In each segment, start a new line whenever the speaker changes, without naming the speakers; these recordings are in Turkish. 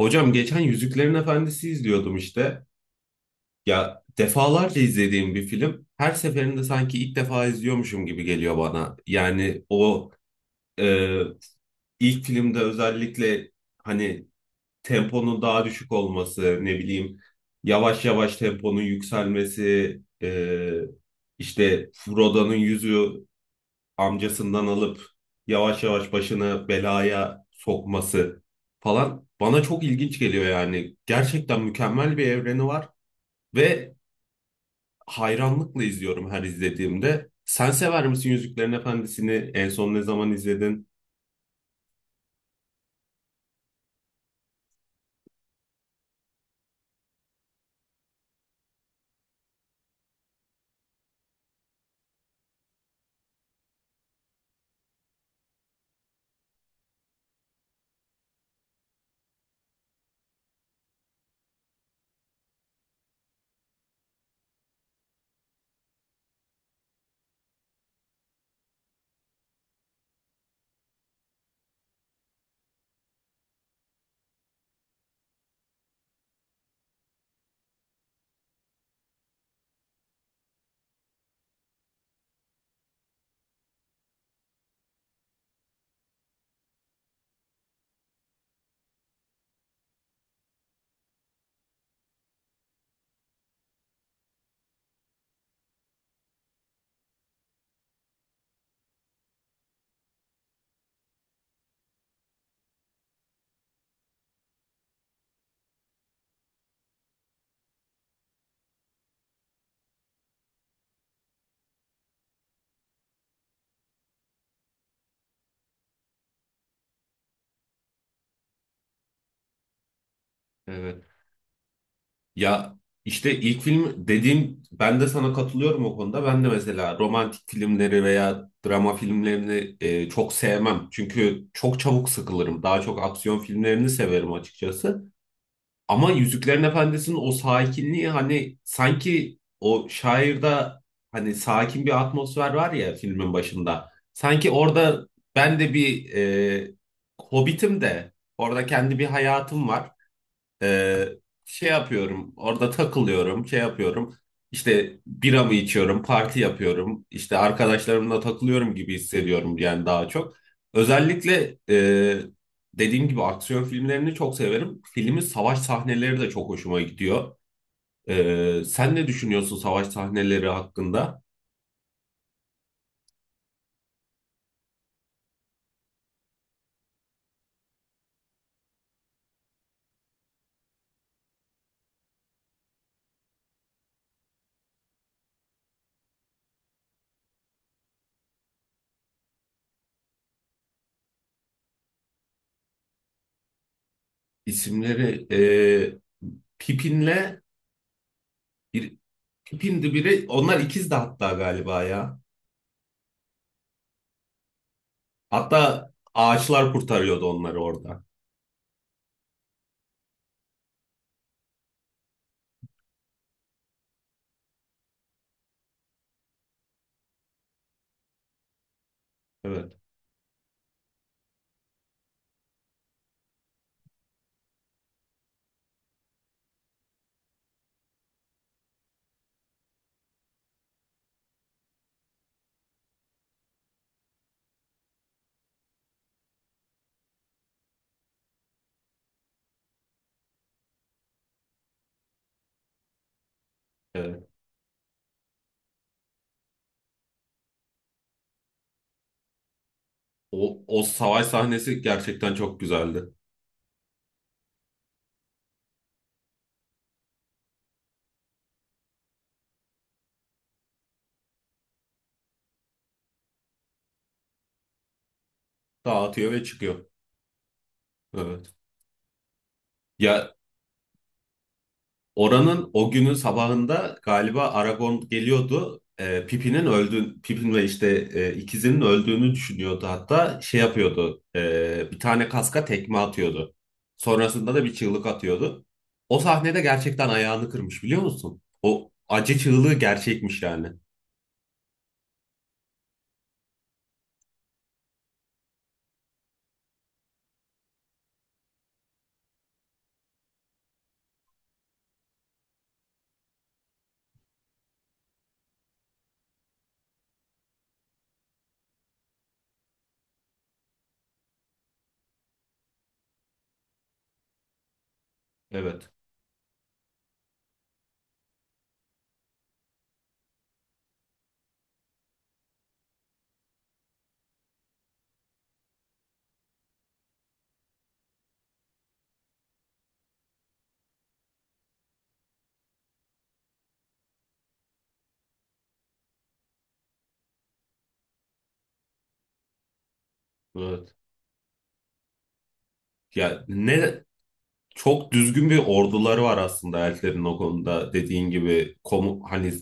Hocam geçen Yüzüklerin Efendisi izliyordum işte. Ya defalarca izlediğim bir film. Her seferinde sanki ilk defa izliyormuşum gibi geliyor bana. Yani o e, ilk filmde özellikle hani temponun daha düşük olması, ne bileyim yavaş yavaş temponun yükselmesi, işte Frodo'nun yüzü amcasından alıp yavaş yavaş başını belaya sokması falan bana çok ilginç geliyor yani. Gerçekten mükemmel bir evreni var ve hayranlıkla izliyorum her izlediğimde. Sen sever misin Yüzüklerin Efendisi'ni? En son ne zaman izledin? Evet. Ya işte ilk film dediğim ben de sana katılıyorum o konuda. Ben de mesela romantik filmleri veya drama filmlerini çok sevmem. Çünkü çok çabuk sıkılırım. Daha çok aksiyon filmlerini severim açıkçası. Ama Yüzüklerin Efendisi'nin o sakinliği hani sanki o şairde hani sakin bir atmosfer var ya filmin başında. Sanki orada ben de bir Hobbit'im de orada kendi bir hayatım var. Ee, Şey yapıyorum, orada takılıyorum, şey yapıyorum. İşte bira mı içiyorum, parti yapıyorum, işte arkadaşlarımla takılıyorum gibi hissediyorum yani daha çok. Özellikle dediğim gibi aksiyon filmlerini çok severim. Filmin savaş sahneleri de çok hoşuma gidiyor. Sen ne düşünüyorsun savaş sahneleri hakkında? İsimleri Pipin'le bir Pipin'di biri. Onlar ikizdi hatta galiba ya. Hatta ağaçlar kurtarıyordu onları orada. Evet, evet. O, o savaş sahnesi gerçekten çok güzeldi. Dağıtıyor ve çıkıyor. Evet. Ya, oranın o günün sabahında galiba Aragon geliyordu. Pippin ve işte ikizinin öldüğünü düşünüyordu. Hatta şey yapıyordu. Bir tane kaska tekme atıyordu. Sonrasında da bir çığlık atıyordu. O sahnede gerçekten ayağını kırmış biliyor musun? O acı çığlığı gerçekmiş yani. Evet. Evet. Ya ne Çok düzgün bir orduları var aslında elflerin o konuda. Dediğin gibi hani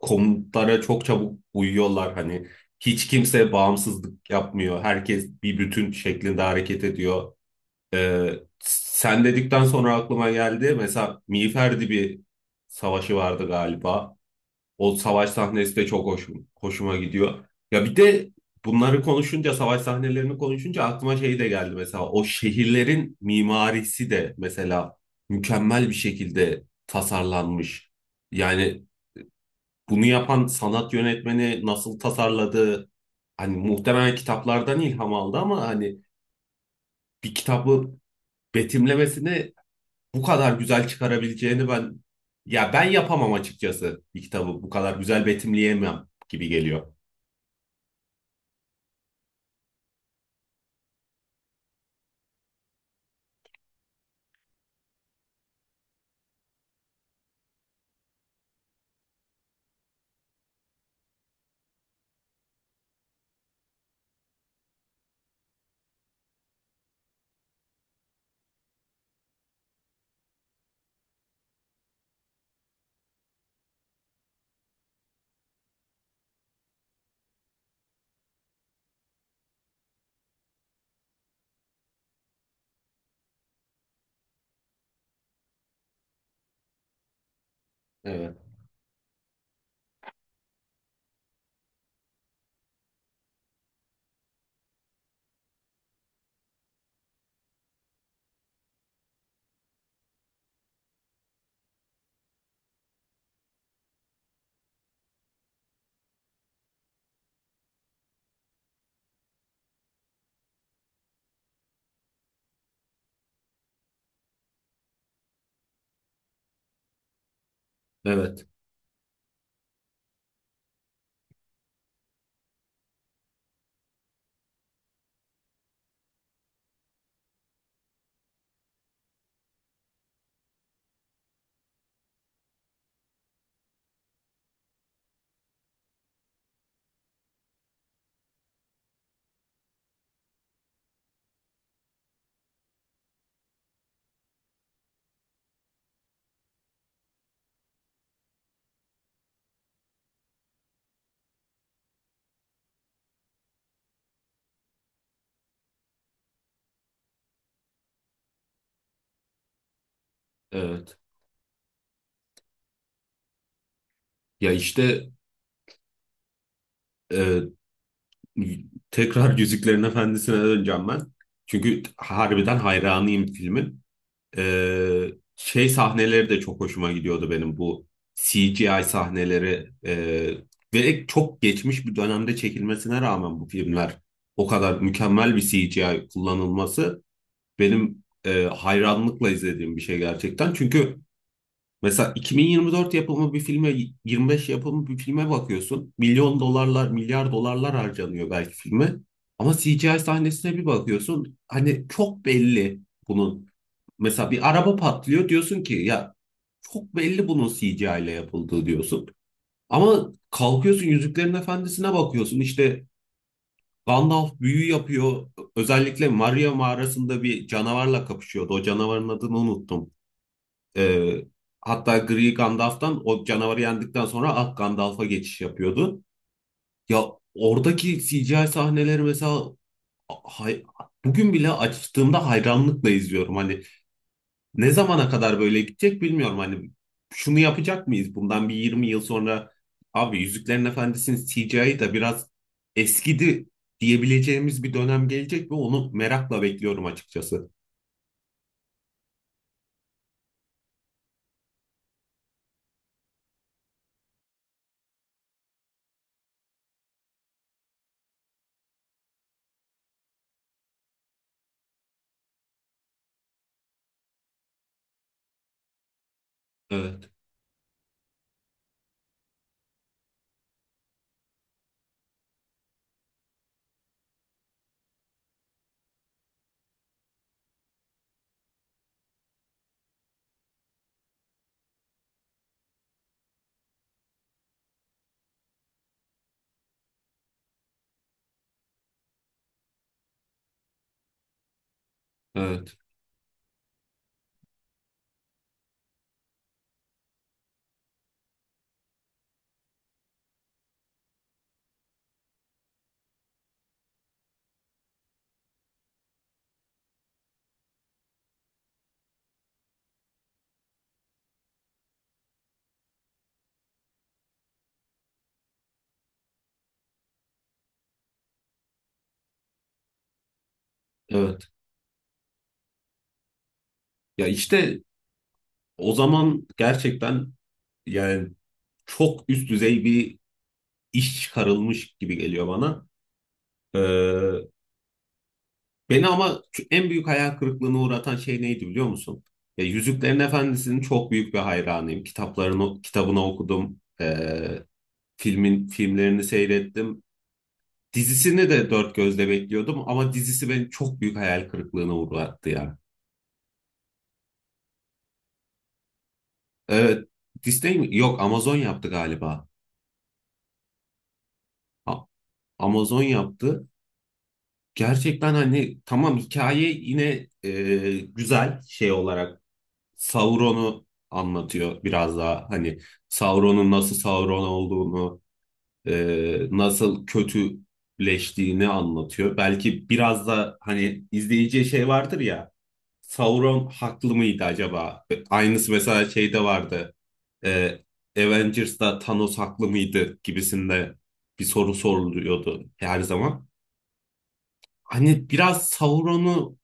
komutlara çok çabuk uyuyorlar. Hani hiç kimse bağımsızlık yapmıyor. Herkes bir bütün şeklinde hareket ediyor. Ee, Sen dedikten sonra aklıma geldi. Mesela Miğfer bir savaşı vardı galiba. O savaş sahnesi de çok hoşuma gidiyor. Ya bir de bunları konuşunca, savaş sahnelerini konuşunca aklıma şey de geldi mesela. O şehirlerin mimarisi de mesela mükemmel bir şekilde tasarlanmış. Yani bunu yapan sanat yönetmeni nasıl tasarladı? Hani muhtemelen kitaplardan ilham aldı ama hani bir kitabı betimlemesini bu kadar güzel çıkarabileceğini ya ben yapamam açıkçası bir kitabı bu kadar güzel betimleyemem gibi geliyor. Evet. Evet. Evet. Ya işte e, tekrar Yüzüklerin Efendisi'ne döneceğim ben. Çünkü harbiden hayranıyım filmin. Ee, Şey sahneleri de çok hoşuma gidiyordu benim bu CGI sahneleri ve çok geçmiş bir dönemde çekilmesine rağmen bu filmler o kadar mükemmel bir CGI kullanılması benim hayranlıkla izlediğim bir şey gerçekten. Çünkü mesela 2024 yapımı bir filme, 25 yapımı bir filme bakıyorsun. Milyon dolarlar, milyar dolarlar harcanıyor belki filme. Ama CGI sahnesine bir bakıyorsun. Hani çok belli bunun. Mesela bir araba patlıyor diyorsun ki ya çok belli bunun CGI ile yapıldığı diyorsun. Ama kalkıyorsun Yüzüklerin Efendisi'ne bakıyorsun. İşte Gandalf büyü yapıyor. Özellikle Maria mağarasında bir canavarla kapışıyordu. O canavarın adını unuttum. Ee, Hatta Gri Gandalf'tan o canavarı yendikten sonra Ak Gandalf'a geçiş yapıyordu. Ya oradaki CGI sahneleri mesela hay- bugün bile açtığımda hayranlıkla izliyorum. Hani ne zamana kadar böyle gidecek bilmiyorum. Hani şunu yapacak mıyız bundan bir 20 yıl sonra abi Yüzüklerin Efendisi'nin CGI'yi da biraz eskidi diyebileceğimiz bir dönem gelecek ve onu merakla bekliyorum açıkçası. Evet, evet, evet. Ya işte o zaman gerçekten yani çok üst düzey bir iş çıkarılmış gibi geliyor bana. Ee, Beni ama en büyük hayal kırıklığına uğratan şey neydi biliyor musun? Ya, Yüzüklerin Efendisi'nin çok büyük bir hayranıyım. Kitaplarını, kitabını okudum. Filmin filmlerini seyrettim. Dizisini de dört gözle bekliyordum ama dizisi beni çok büyük hayal kırıklığına uğrattı ya. Evet, Disney mi? Yok, Amazon yaptı galiba. A- Amazon yaptı. Gerçekten hani tamam hikaye yine güzel şey olarak Sauron'u anlatıyor biraz daha hani Sauron'un nasıl Sauron olduğunu nasıl kötüleştiğini anlatıyor. Belki biraz da hani izleyiciye şey vardır ya Sauron haklı mıydı acaba? Aynısı mesela şeyde vardı e, Avengers'da Thanos haklı mıydı gibisinde bir soru soruluyordu her zaman. Hani biraz Sauron'u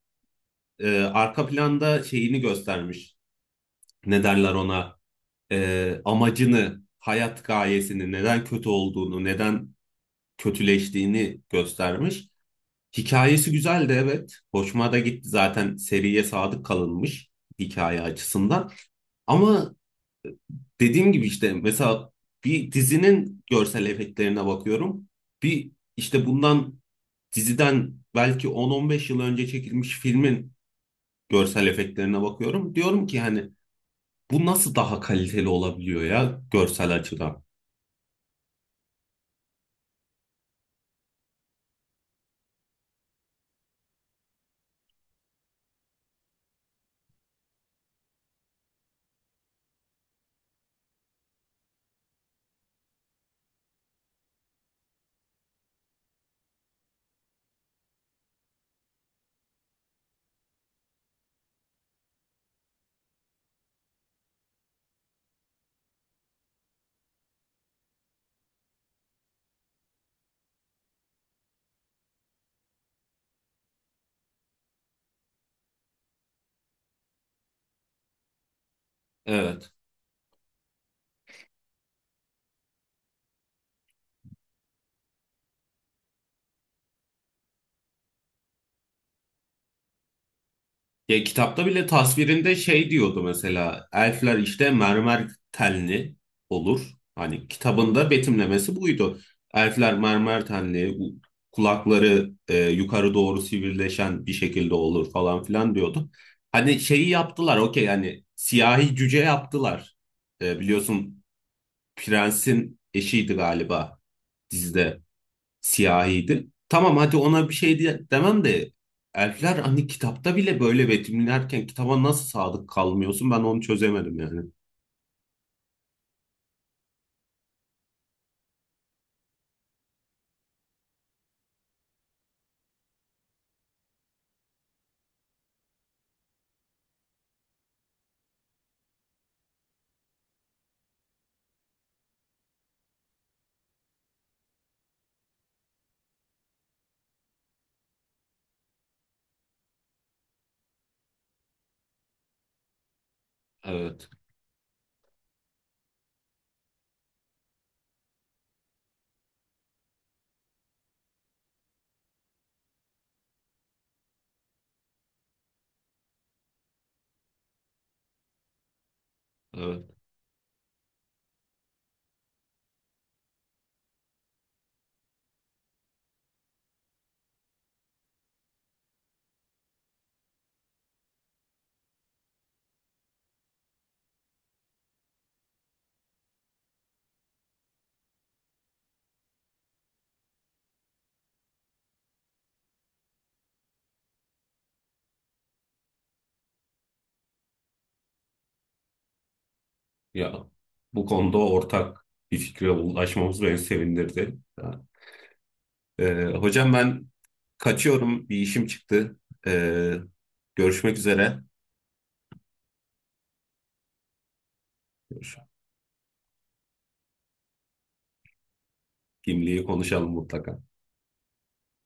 arka planda şeyini göstermiş. Ne derler ona? Amacını, hayat gayesini, neden kötü olduğunu, neden kötüleştiğini göstermiş. Hikayesi güzel de evet. Hoşuma da gitti zaten seriye sadık kalınmış hikaye açısından. Ama e, dediğim gibi işte mesela bir dizinin görsel efektlerine bakıyorum. Bir işte bundan diziden belki 10-15 yıl önce çekilmiş filmin görsel efektlerine bakıyorum. Diyorum ki hani bu nasıl daha kaliteli olabiliyor ya görsel açıdan? Evet. Ya kitapta bile tasvirinde şey diyordu mesela elfler işte mermer tenli olur. Hani kitabında betimlemesi buydu. Elfler mermer tenli, kulakları yukarı doğru sivrileşen bir şekilde olur falan filan diyordu. Hani şeyi yaptılar okey hani siyahi cüce yaptılar. Biliyorsun prensin eşiydi galiba dizide. Siyahiydi. Tamam hadi ona bir şey diye, demem de elfler hani kitapta bile böyle betimlerken kitaba nasıl sadık kalmıyorsun ben onu çözemedim yani. Evet, evet. Ya bu konuda ortak bir fikre ulaşmamız beni sevindirdi. Ya, hocam ben kaçıyorum bir işim çıktı. E, Görüşmek üzere. Görüş- Gimli'yi konuşalım mutlaka.